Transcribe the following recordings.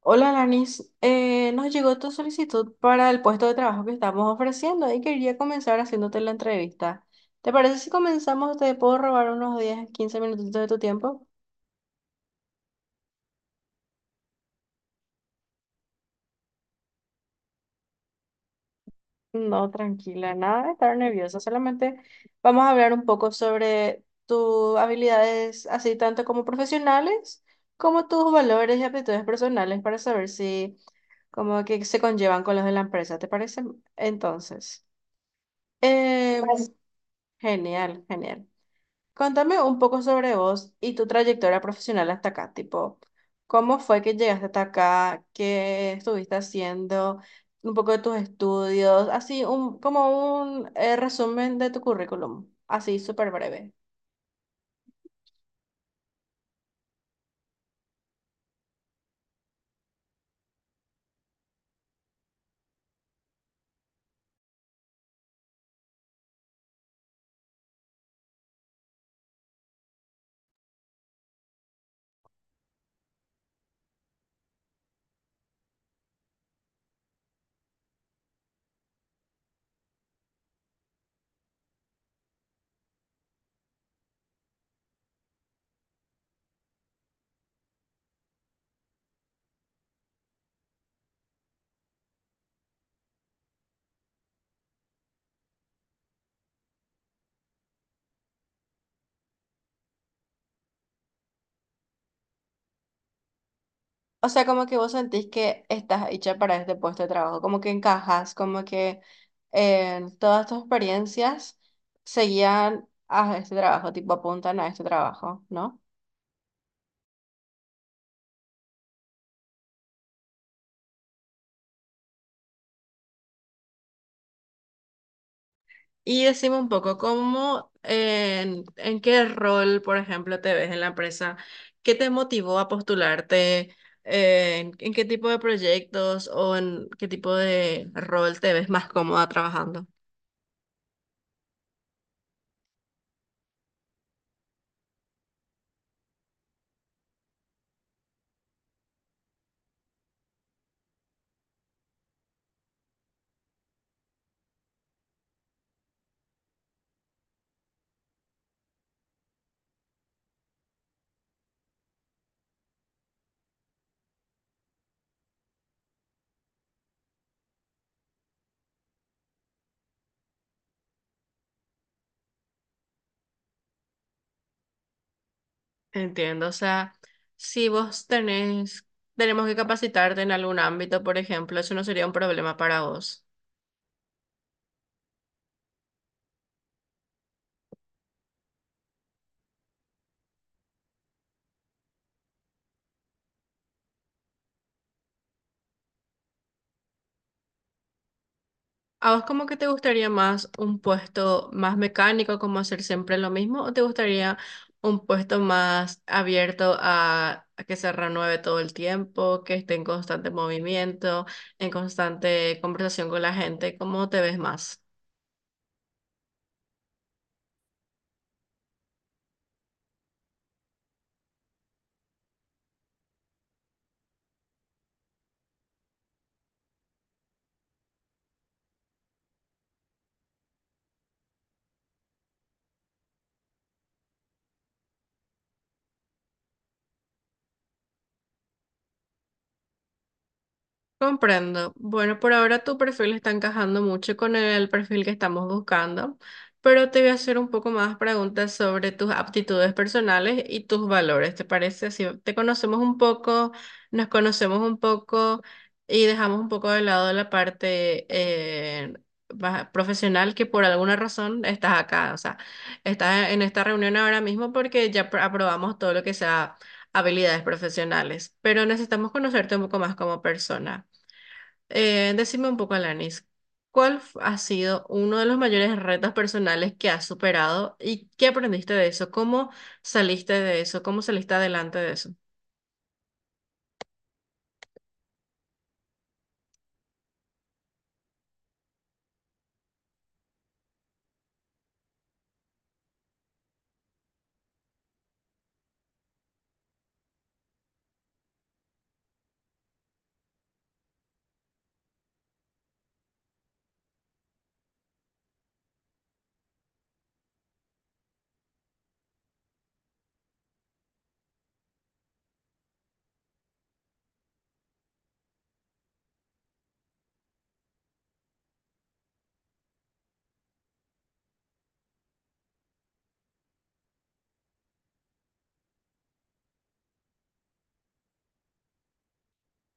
Hola, Lanis. Nos llegó tu solicitud para el puesto de trabajo que estamos ofreciendo y quería comenzar haciéndote la entrevista. ¿Te parece si comenzamos? ¿Te puedo robar unos 10 15 minutitos de tu tiempo? No, tranquila, nada de estar nerviosa. Solamente vamos a hablar un poco sobre tus habilidades, así tanto como profesionales, como tus valores y aptitudes personales para saber si como que se conllevan con los de la empresa. ¿Te parece? Entonces, vale. Genial, genial. Contame un poco sobre vos y tu trayectoria profesional hasta acá, tipo, ¿cómo fue que llegaste hasta acá? ¿Qué estuviste haciendo? Un poco de tus estudios, así un, como un resumen de tu currículum, así súper breve. O sea, como que vos sentís que estás hecha para este puesto de trabajo, como que encajas, como que todas tus experiencias seguían a este trabajo, tipo apuntan a este trabajo, ¿no? Y decime un poco, ¿cómo, en qué rol, por ejemplo, te ves en la empresa? ¿Qué te motivó a postularte? ¿En, en qué tipo de proyectos o en qué tipo de rol te ves más cómoda trabajando? Entiendo, o sea, si vos tenés, tenemos que capacitarte en algún ámbito, por ejemplo, eso no sería un problema para vos. ¿A vos como que te gustaría más un puesto más mecánico, como hacer siempre lo mismo, o te gustaría un puesto más abierto a que se renueve todo el tiempo, que esté en constante movimiento, en constante conversación con la gente? ¿Cómo te ves más? Comprendo. Bueno, por ahora tu perfil está encajando mucho con el perfil que estamos buscando, pero te voy a hacer un poco más preguntas sobre tus aptitudes personales y tus valores. ¿Te parece? Así te conocemos un poco, nos conocemos un poco y dejamos un poco de lado la parte más profesional que por alguna razón estás acá. O sea, estás en esta reunión ahora mismo porque ya aprobamos todo lo que sea habilidades profesionales, pero necesitamos conocerte un poco más como persona. Decime un poco, Alanis, ¿cuál ha sido uno de los mayores retos personales que has superado y qué aprendiste de eso? ¿Cómo saliste de eso? ¿Cómo saliste adelante de eso?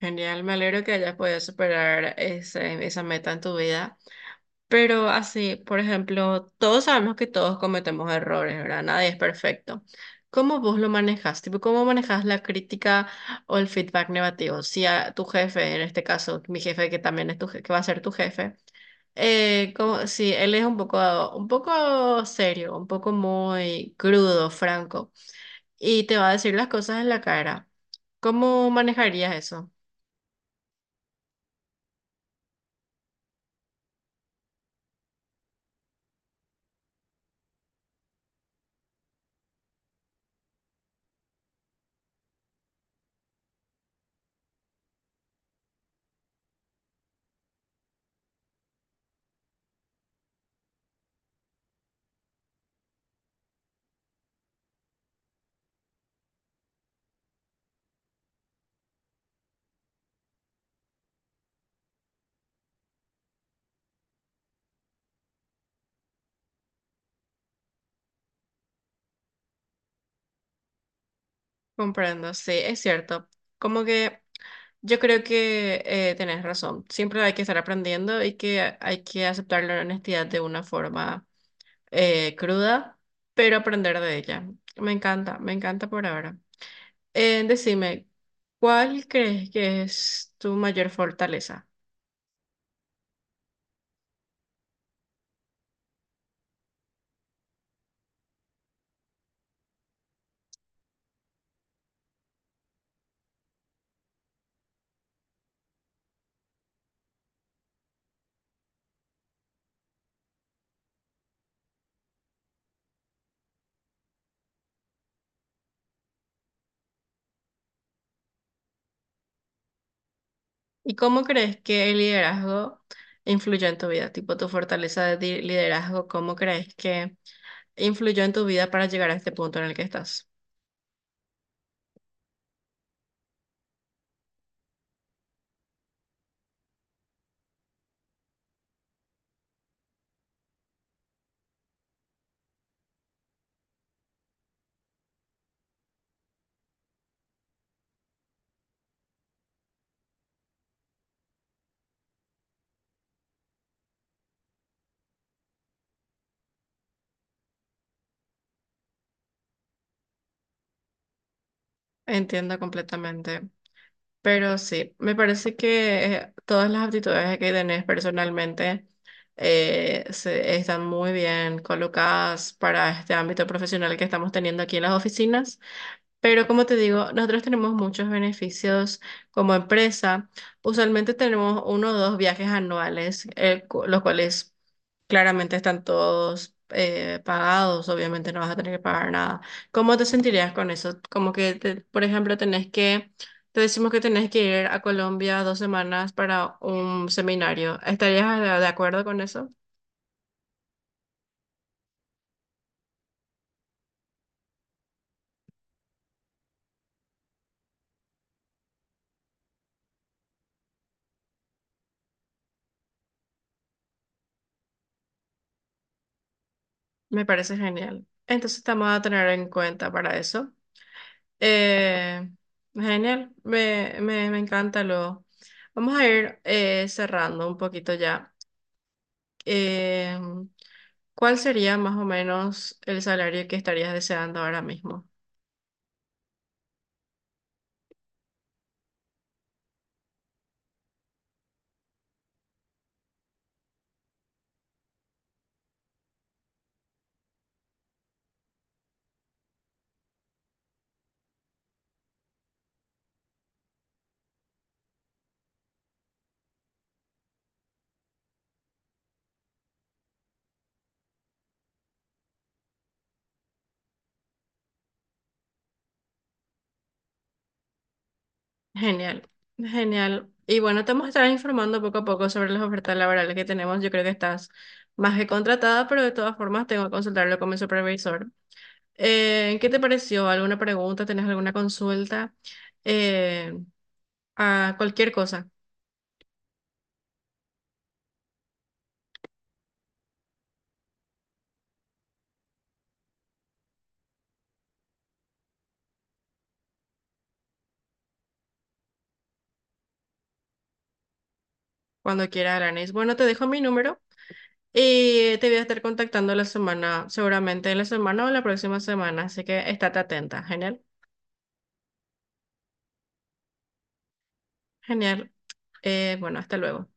Genial, me alegro que hayas podido superar esa meta en tu vida. Pero así, por ejemplo, todos sabemos que todos cometemos errores, ¿verdad? Nadie es perfecto. ¿Cómo vos lo manejas? Tipo, ¿cómo manejas la crítica o el feedback negativo? Si a tu jefe, en este caso, mi jefe que también es que va a ser tu jefe. Como, sí, él es un poco serio, un poco muy crudo, franco, y te va a decir las cosas en la cara. ¿Cómo manejarías eso? Comprendo, sí, es cierto. Como que yo creo que tenés razón. Siempre hay que estar aprendiendo y que hay que aceptar la honestidad de una forma cruda, pero aprender de ella. Me encanta por ahora. Decime, ¿cuál crees que es tu mayor fortaleza? ¿Y cómo crees que el liderazgo influyó en tu vida? Tipo, tu fortaleza de liderazgo, ¿cómo crees que influyó en tu vida para llegar a este punto en el que estás? Entiendo completamente. Pero sí, me parece que todas las aptitudes que tenés personalmente están muy bien colocadas para este ámbito profesional que estamos teniendo aquí en las oficinas. Pero como te digo, nosotros tenemos muchos beneficios como empresa. Usualmente tenemos uno o dos viajes anuales, los cuales claramente están todos pagados. Obviamente no vas a tener que pagar nada. ¿Cómo te sentirías con eso? Como que, por ejemplo, tenés que, te decimos que tenés que ir a Colombia 2 semanas para un seminario. ¿Estarías de acuerdo con eso? Me parece genial. Entonces te vamos a tener en cuenta para eso. Eh, me encanta lo. Vamos a ir cerrando un poquito ya. Eh, ¿Cuál sería más o menos el salario que estarías deseando ahora mismo? Genial, genial. Y bueno, te vamos a estar informando poco a poco sobre las ofertas laborales que tenemos. Yo creo que estás más que contratada, pero de todas formas tengo que consultarlo con mi supervisor. ¿Qué te pareció? ¿Alguna pregunta? ¿Tenés alguna consulta? Eh, a cualquier cosa. Cuando quiera, Aranis. Bueno, te dejo mi número y te voy a estar contactando la semana, seguramente en la semana o la próxima semana, así que estate atenta. Genial, genial. Bueno, hasta luego.